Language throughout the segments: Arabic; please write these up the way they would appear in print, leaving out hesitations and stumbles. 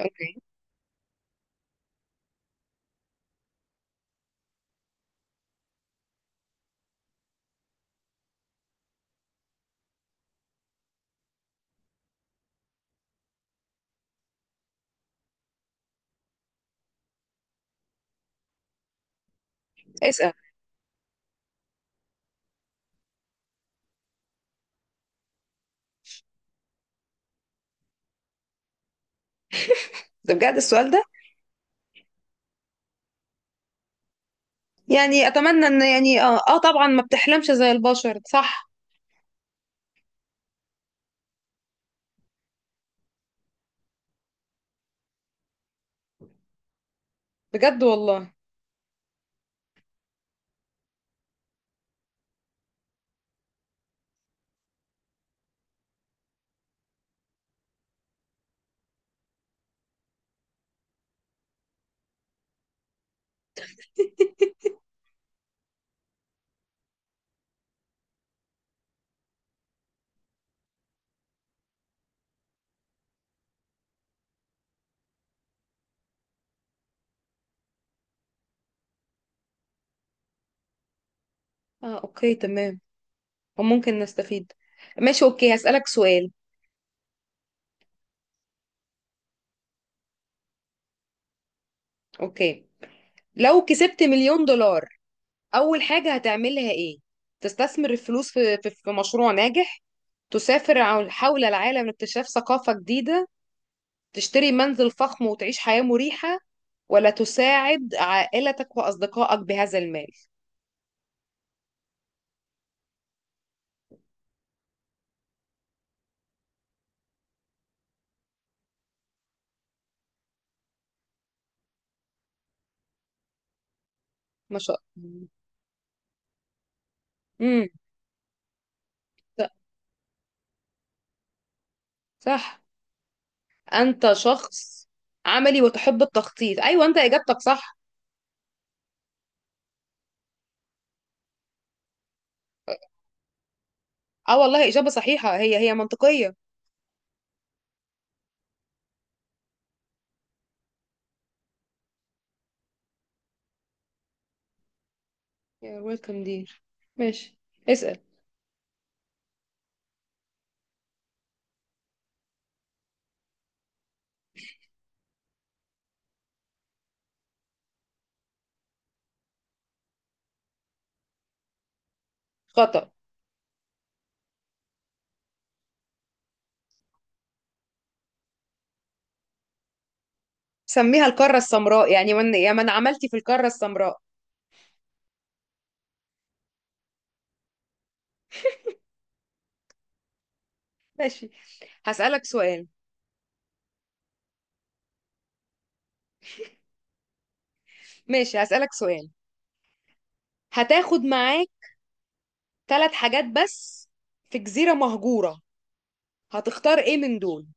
اوكي. اسأل. ده بجد السؤال ده؟ يعني اتمنى ان يعني طبعا ما بتحلمش زي البشر، صح؟ بجد والله. اه، اوكي تمام. وممكن نستفيد. ماشي، اوكي، هسألك سؤال. اوكي، لو كسبت مليون دولار، اول حاجة هتعملها ايه؟ تستثمر الفلوس في في مشروع ناجح؟ تسافر حول العالم لاكتشاف ثقافة جديدة؟ تشتري منزل فخم وتعيش حياة مريحة؟ ولا تساعد عائلتك وأصدقائك بهذا المال؟ ما شاء الله. امم صح. انت شخص عملي وتحب التخطيط، ايوه، انت اجابتك صح. اه والله اجابه صحيحه، هي منطقيه. يا ويلكم دير. ماشي. اسال. خطأ. سميها القاره السمراء، يعني من يا من عملتي في القاره السمراء. ماشي، هسالك سؤال. ماشي، هسالك سؤال. هتاخد معاك ثلاث حاجات بس في جزيره مهجوره، هتختار ايه من دول؟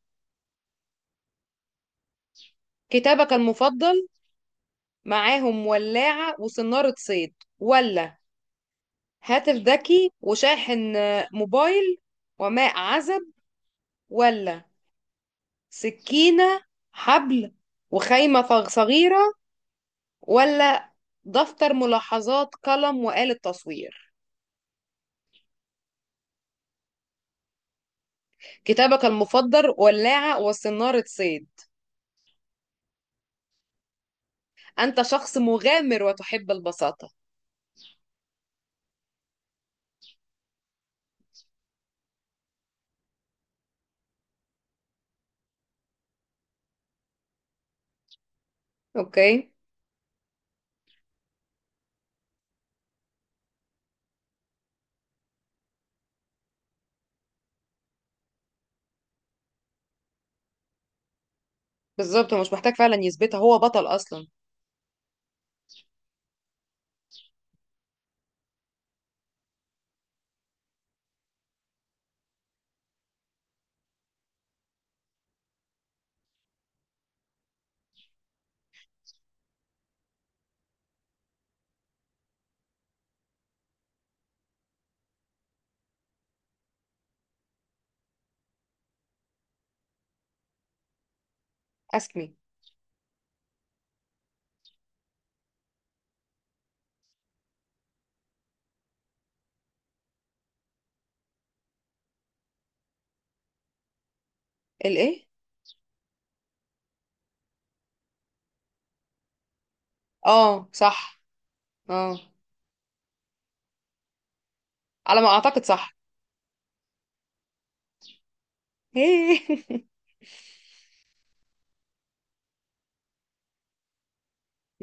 كتابك المفضل معاهم، ولاعه وصناره صيد؟ ولا هاتف ذكي وشاحن، موبايل وماء عزب؟ ولا سكينة، حبل، وخيمة صغيرة؟ ولا دفتر ملاحظات، قلم، وآلة تصوير؟ كتابك المفضل، ولاعة وصنارة صيد. أنت شخص مغامر وتحب البساطة. أوكي. بالظبط، هو مش محتاج فعلا يثبتها، هو بطل أصلا. أسمي. الإيه؟ آه صح. آه، على ما أعتقد صح.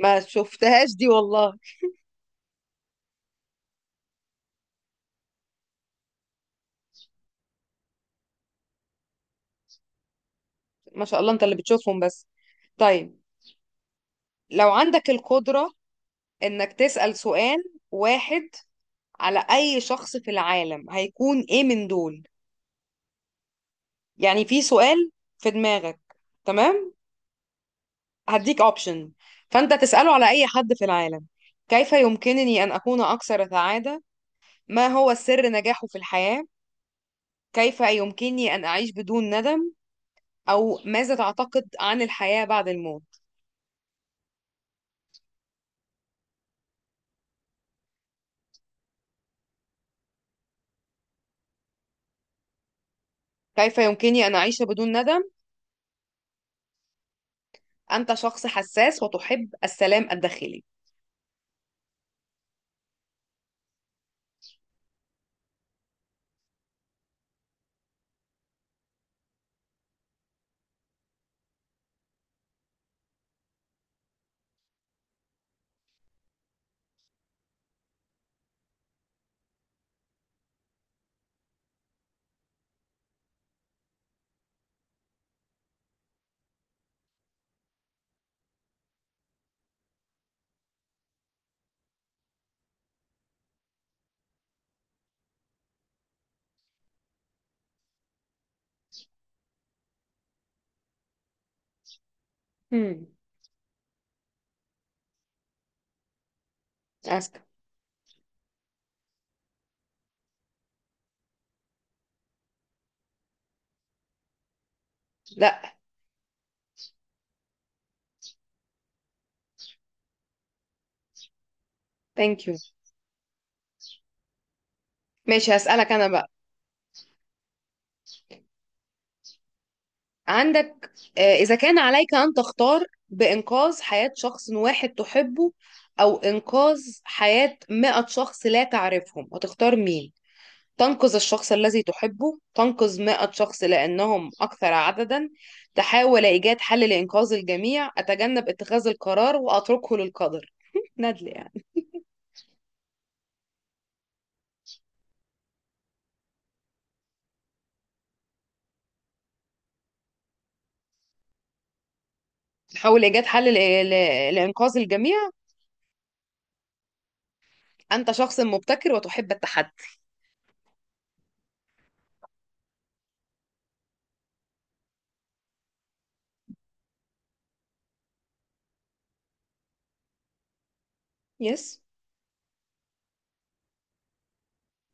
ما شفتهاش دي والله. ما شاء الله، انت اللي بتشوفهم بس. طيب، لو عندك القدرة انك تسأل سؤال واحد على اي شخص في العالم، هيكون ايه من دول؟ يعني في سؤال في دماغك، تمام؟ هديك اوبشن، فانت تسأله على اي حد في العالم. كيف يمكنني ان اكون اكثر سعادة؟ ما هو سر نجاحه في الحياة؟ كيف يمكنني ان اعيش بدون ندم؟ او ماذا تعتقد عن الحياة بعد الموت؟ كيف يمكنني ان اعيش بدون ندم. أنت شخص حساس وتحب السلام الداخلي. مم. أسكت. لا. ثانك يو. ماشي، هسألك أنا بقى. عندك، إذا كان عليك أن تختار بإنقاذ حياة شخص واحد تحبه، أو إنقاذ حياة 100 شخص لا تعرفهم، هتختار مين؟ تنقذ الشخص الذي تحبه؟ تنقذ 100 شخص لأنهم أكثر عددا؟ تحاول إيجاد حل لإنقاذ الجميع؟ أتجنب اتخاذ القرار وأتركه للقدر؟ ندل يعني. تحاول إيجاد حل لإنقاذ الجميع. أنت شخص مبتكر وتحب التحدي. يس.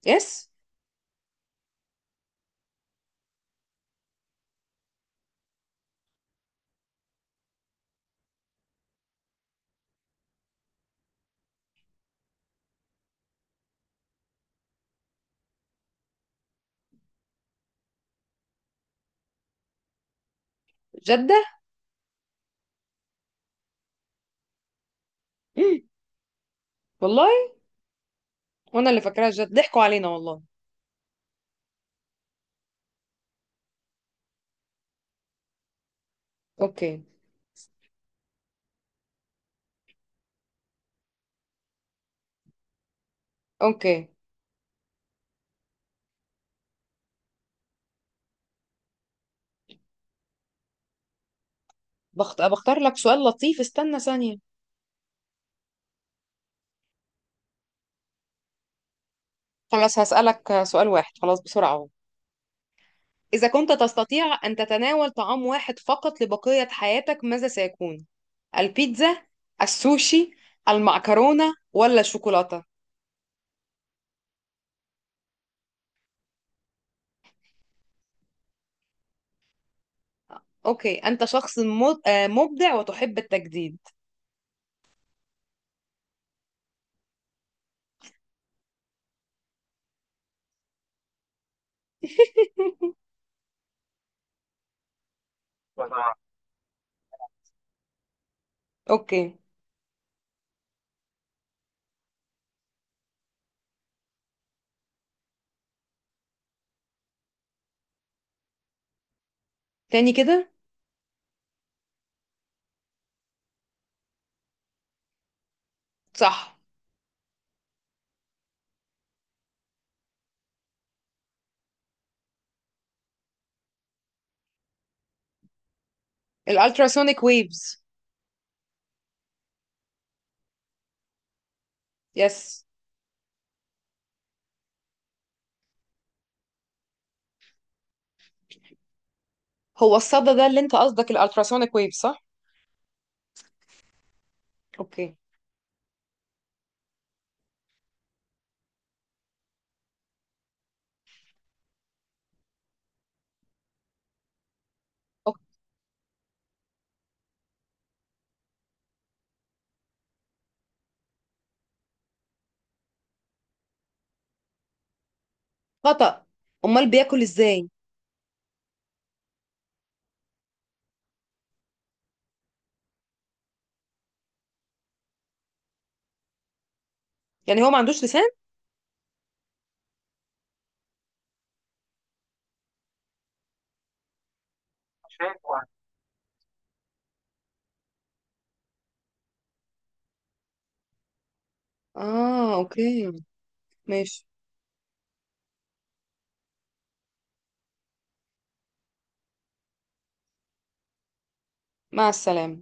يس. جدة. مم. والله. وأنا اللي فاكراها جدة، ضحكوا علينا والله. أوكي. أوكي. بختار لك سؤال لطيف، استنى ثانية. خلاص هسألك سؤال واحد، خلاص، بسرعة أهو. إذا كنت تستطيع أن تتناول طعام واحد فقط لبقية حياتك، ماذا سيكون؟ البيتزا؟ السوشي؟ المعكرونة؟ ولا الشوكولاتة؟ أوكي، أنت شخص مبدع وتحب التجديد. أوكي. تاني كده. صح. الالتراسونيك ويفز. يس. هو الصدى ده اللي انت قصدك، الالتراسونيك ويفز، صح؟ اوكي. أوكي. خطأ. امال بياكل ازاي؟ يعني هو ما عندوش لسان. اه اوكي. ماشي. مع السلامة.